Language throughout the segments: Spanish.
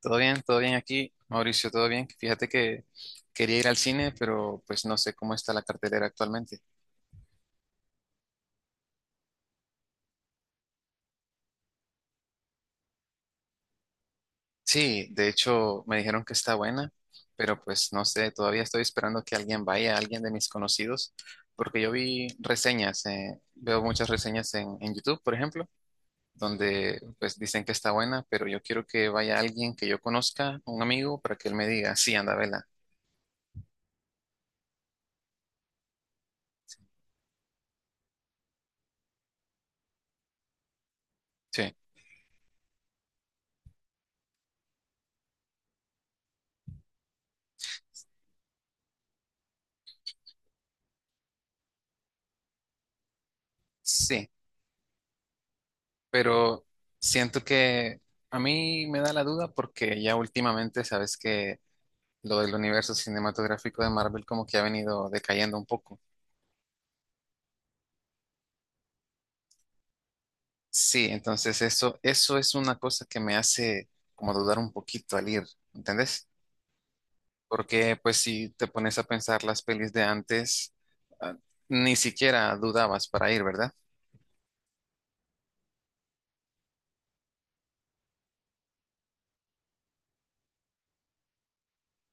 Todo bien aquí, Mauricio, todo bien. Fíjate que quería ir al cine, pero pues no sé cómo está la cartelera actualmente. Sí, de hecho me dijeron que está buena, pero pues no sé, todavía estoy esperando que alguien vaya, alguien de mis conocidos, porque yo vi reseñas, veo muchas reseñas en YouTube, por ejemplo, donde pues dicen que está buena, pero yo quiero que vaya alguien que yo conozca, un amigo, para que él me diga, sí, anda, vela. Sí, sí, pero siento que a mí me da la duda porque ya últimamente sabes que lo del universo cinematográfico de Marvel como que ha venido decayendo un poco. Sí, entonces eso es una cosa que me hace como dudar un poquito al ir, ¿entendés? Porque pues si te pones a pensar las pelis de antes, ah, ni siquiera dudabas para ir, ¿verdad?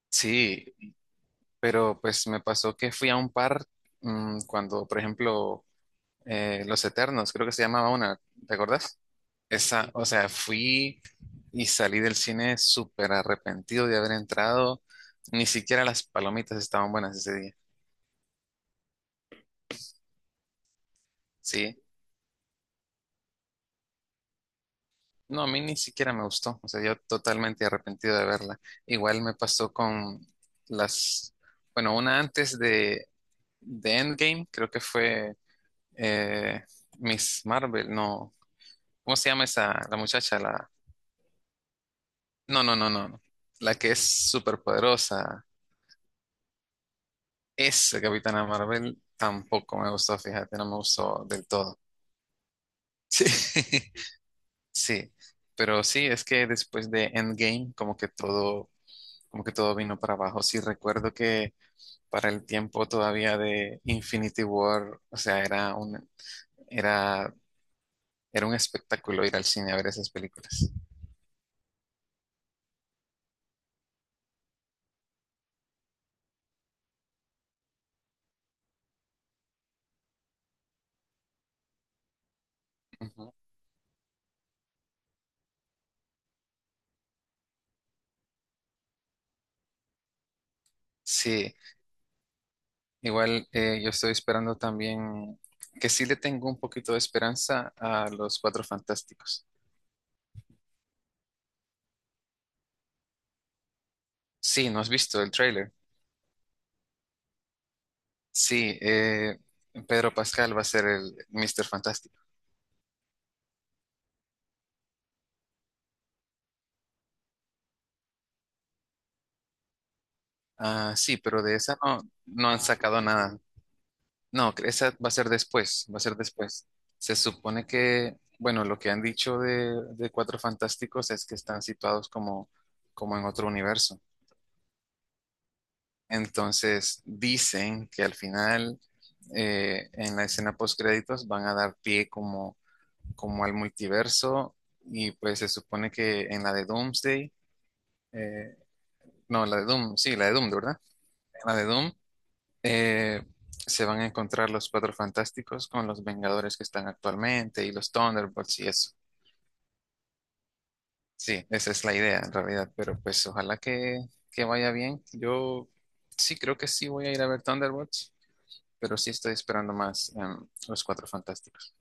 Sí, pero pues me pasó que fui a un par cuando, por ejemplo, Los Eternos, creo que se llamaba una, ¿te acordás? Esa, o sea, fui y salí del cine súper arrepentido de haber entrado. Ni siquiera las palomitas estaban buenas ese día. Sí. No, a mí ni siquiera me gustó. O sea, yo totalmente arrepentido de verla. Igual me pasó con las, bueno, una antes de Endgame, creo que fue eh, Miss Marvel, no. ¿Cómo se llama esa, la muchacha? La, no, no, no, no, no. La que es súper poderosa. Esa Capitana Marvel tampoco me gustó, fíjate, no me gustó del todo. Sí, pero sí, es que después de Endgame, como que todo vino para abajo. Sí, recuerdo que para el tiempo todavía de Infinity War, o sea, era un, era, era un espectáculo ir al cine a ver esas películas. Ujú. Sí, igual yo estoy esperando también que sí le tengo un poquito de esperanza a los Cuatro Fantásticos. Sí, ¿no has visto el tráiler? Sí, Pedro Pascal va a ser el Mr. Fantástico. Ah, sí, pero de esa no, no han sacado nada. No, esa va a ser después, va a ser después. Se supone que, bueno, lo que han dicho de Cuatro Fantásticos es que están situados como, como en otro universo. Entonces, dicen que al final, en la escena postcréditos, van a dar pie como, como al multiverso y pues se supone que en la de Doomsday. eh, No, la de Doom, sí, la de Doom, ¿de verdad? La de Doom. eh, Se van a encontrar los Cuatro Fantásticos con los Vengadores que están actualmente y los Thunderbolts y eso. Sí, esa es la idea en realidad, pero pues ojalá que vaya bien. Yo sí creo que sí voy a ir a ver Thunderbolts, pero sí estoy esperando más los Cuatro Fantásticos.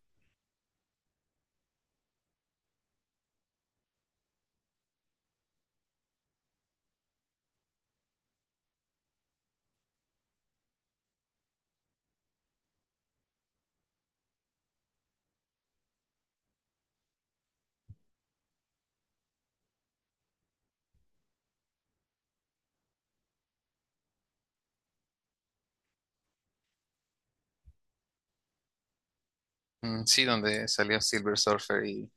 Mm, sí, donde salió Silver Surfer y...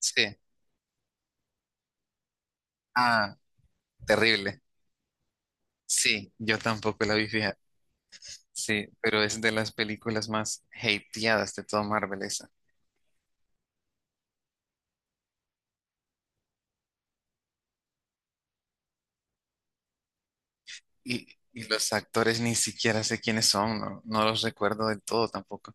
Sí. Ah, terrible. Sí, yo tampoco la vi, fija. Sí, pero es de las películas más hateadas de todo Marvel esa. Y, y los actores ni siquiera sé quiénes son, no, no los recuerdo del todo tampoco.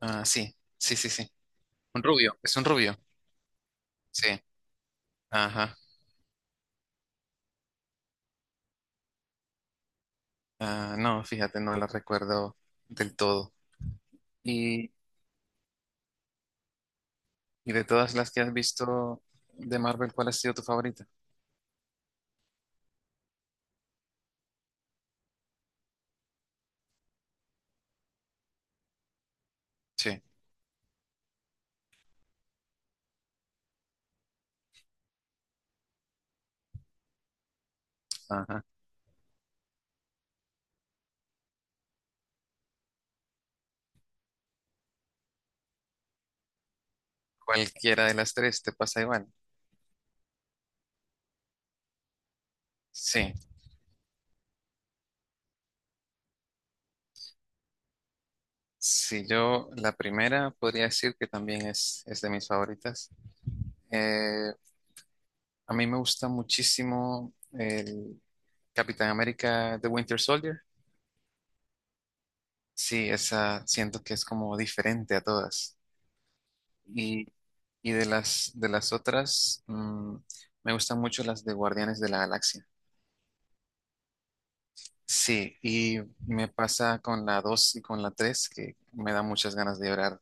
Ah, sí, sí, sí, sí. Un rubio, es un rubio. Sí, ajá. Ah, no, fíjate, no los recuerdo del todo. Y, y de todas las que has visto de Marvel, ¿cuál ha sido tu favorita? Sí, ajá. Cualquiera de las tres te pasa igual. Sí, si yo la primera podría decir que también es de mis favoritas. Eh, a mí me gusta muchísimo Capitán América The Winter Soldier. Sí, esa siento que es como diferente a todas. Y, y de las otras, me gustan mucho las de Guardianes de la Galaxia. Sí, y me pasa con la 2 y con la 3 que me da muchas ganas de llorar.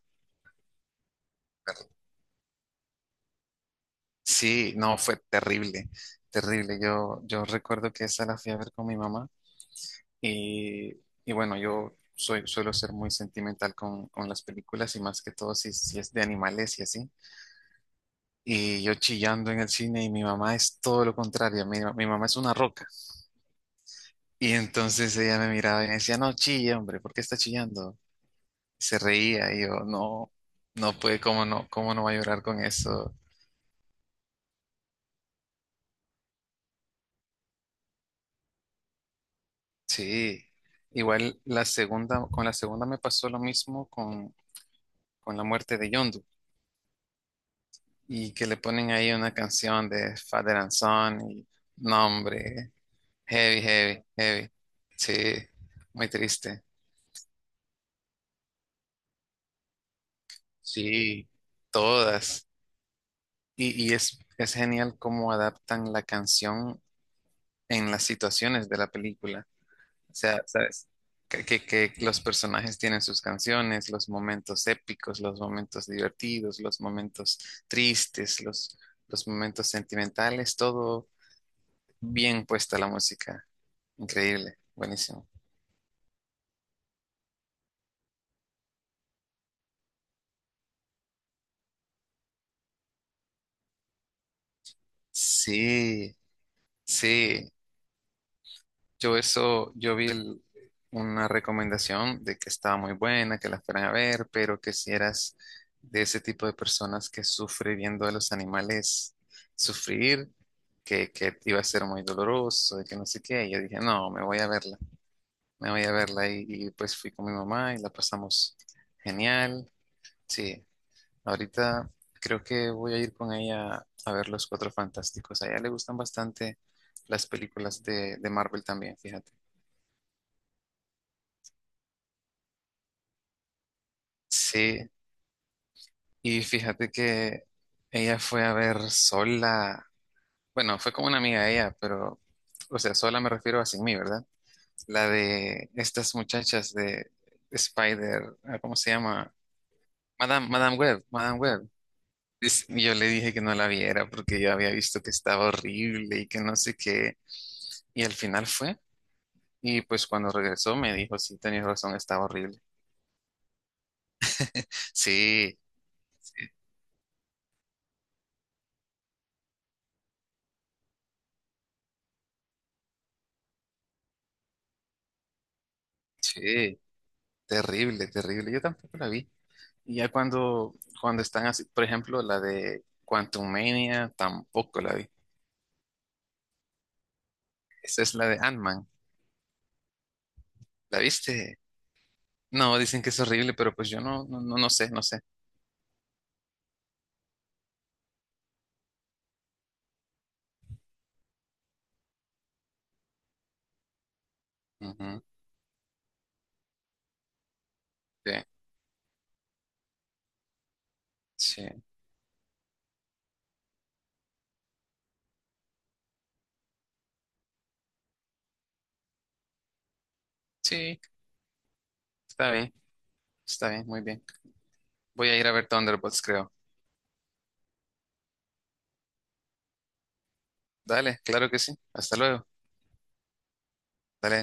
Sí, no, fue terrible, terrible. Yo recuerdo que esa la fui a ver con mi mamá y, y bueno, yo soy, suelo ser muy sentimental con las películas y más que todo si, si es de animales y así. Y yo chillando en el cine y mi mamá es todo lo contrario, mi mamá es una roca. Y entonces ella me miraba y me decía, no chille, hombre, ¿por qué está chillando? Y se reía y yo, no, no puede, cómo no va a llorar con eso? Sí, igual la segunda, con la segunda me pasó lo mismo con la muerte de Yondu y que le ponen ahí una canción de Father and Son y no, hombre, heavy, heavy, heavy. Sí, muy triste. Sí, todas. Y, y es genial cómo adaptan la canción en las situaciones de la película. O sea, ¿sabes? Que los personajes tienen sus canciones, los momentos épicos, los momentos divertidos, los momentos tristes, los momentos sentimentales, todo bien puesta la música. Increíble, buenísimo. Sí, sí. Yo eso, yo vi el- una recomendación de que estaba muy buena, que la fueran a ver, pero que si eras de ese tipo de personas que sufre viendo a los animales sufrir, que iba a ser muy doloroso, y que no sé qué, y yo dije, no, me voy a verla, me voy a verla, y pues fui con mi mamá y la pasamos genial, sí, ahorita creo que voy a ir con ella a ver Los Cuatro Fantásticos, a ella le gustan bastante las películas de Marvel también, fíjate. Sí, y fíjate que ella fue a ver sola, bueno, fue como una amiga de ella, pero, o sea, sola me refiero a sin mí, ¿verdad? La de estas muchachas de Spider, ah, ¿cómo se llama? Madame, Madame Web, Madame Web. Dice- Yo le dije que no la viera porque yo había visto que estaba horrible y que no sé qué, y al final fue, y pues cuando regresó me dijo, sí, tenías razón, estaba horrible. Sí, sí, terrible, terrible, yo tampoco la vi. Y ya cuando, cuando están así, por ejemplo, la de Quantumania, tampoco la vi. Esa es la de Ant-Man. ¿La viste? No, dicen que es horrible, pero pues yo no, no, no, no sé, no sé. Ujú, sí, sí, sí, está bien, está bien, muy bien. Voy a ir a ver Thunderbolts, creo. Dale, claro que sí. Hasta luego. Dale.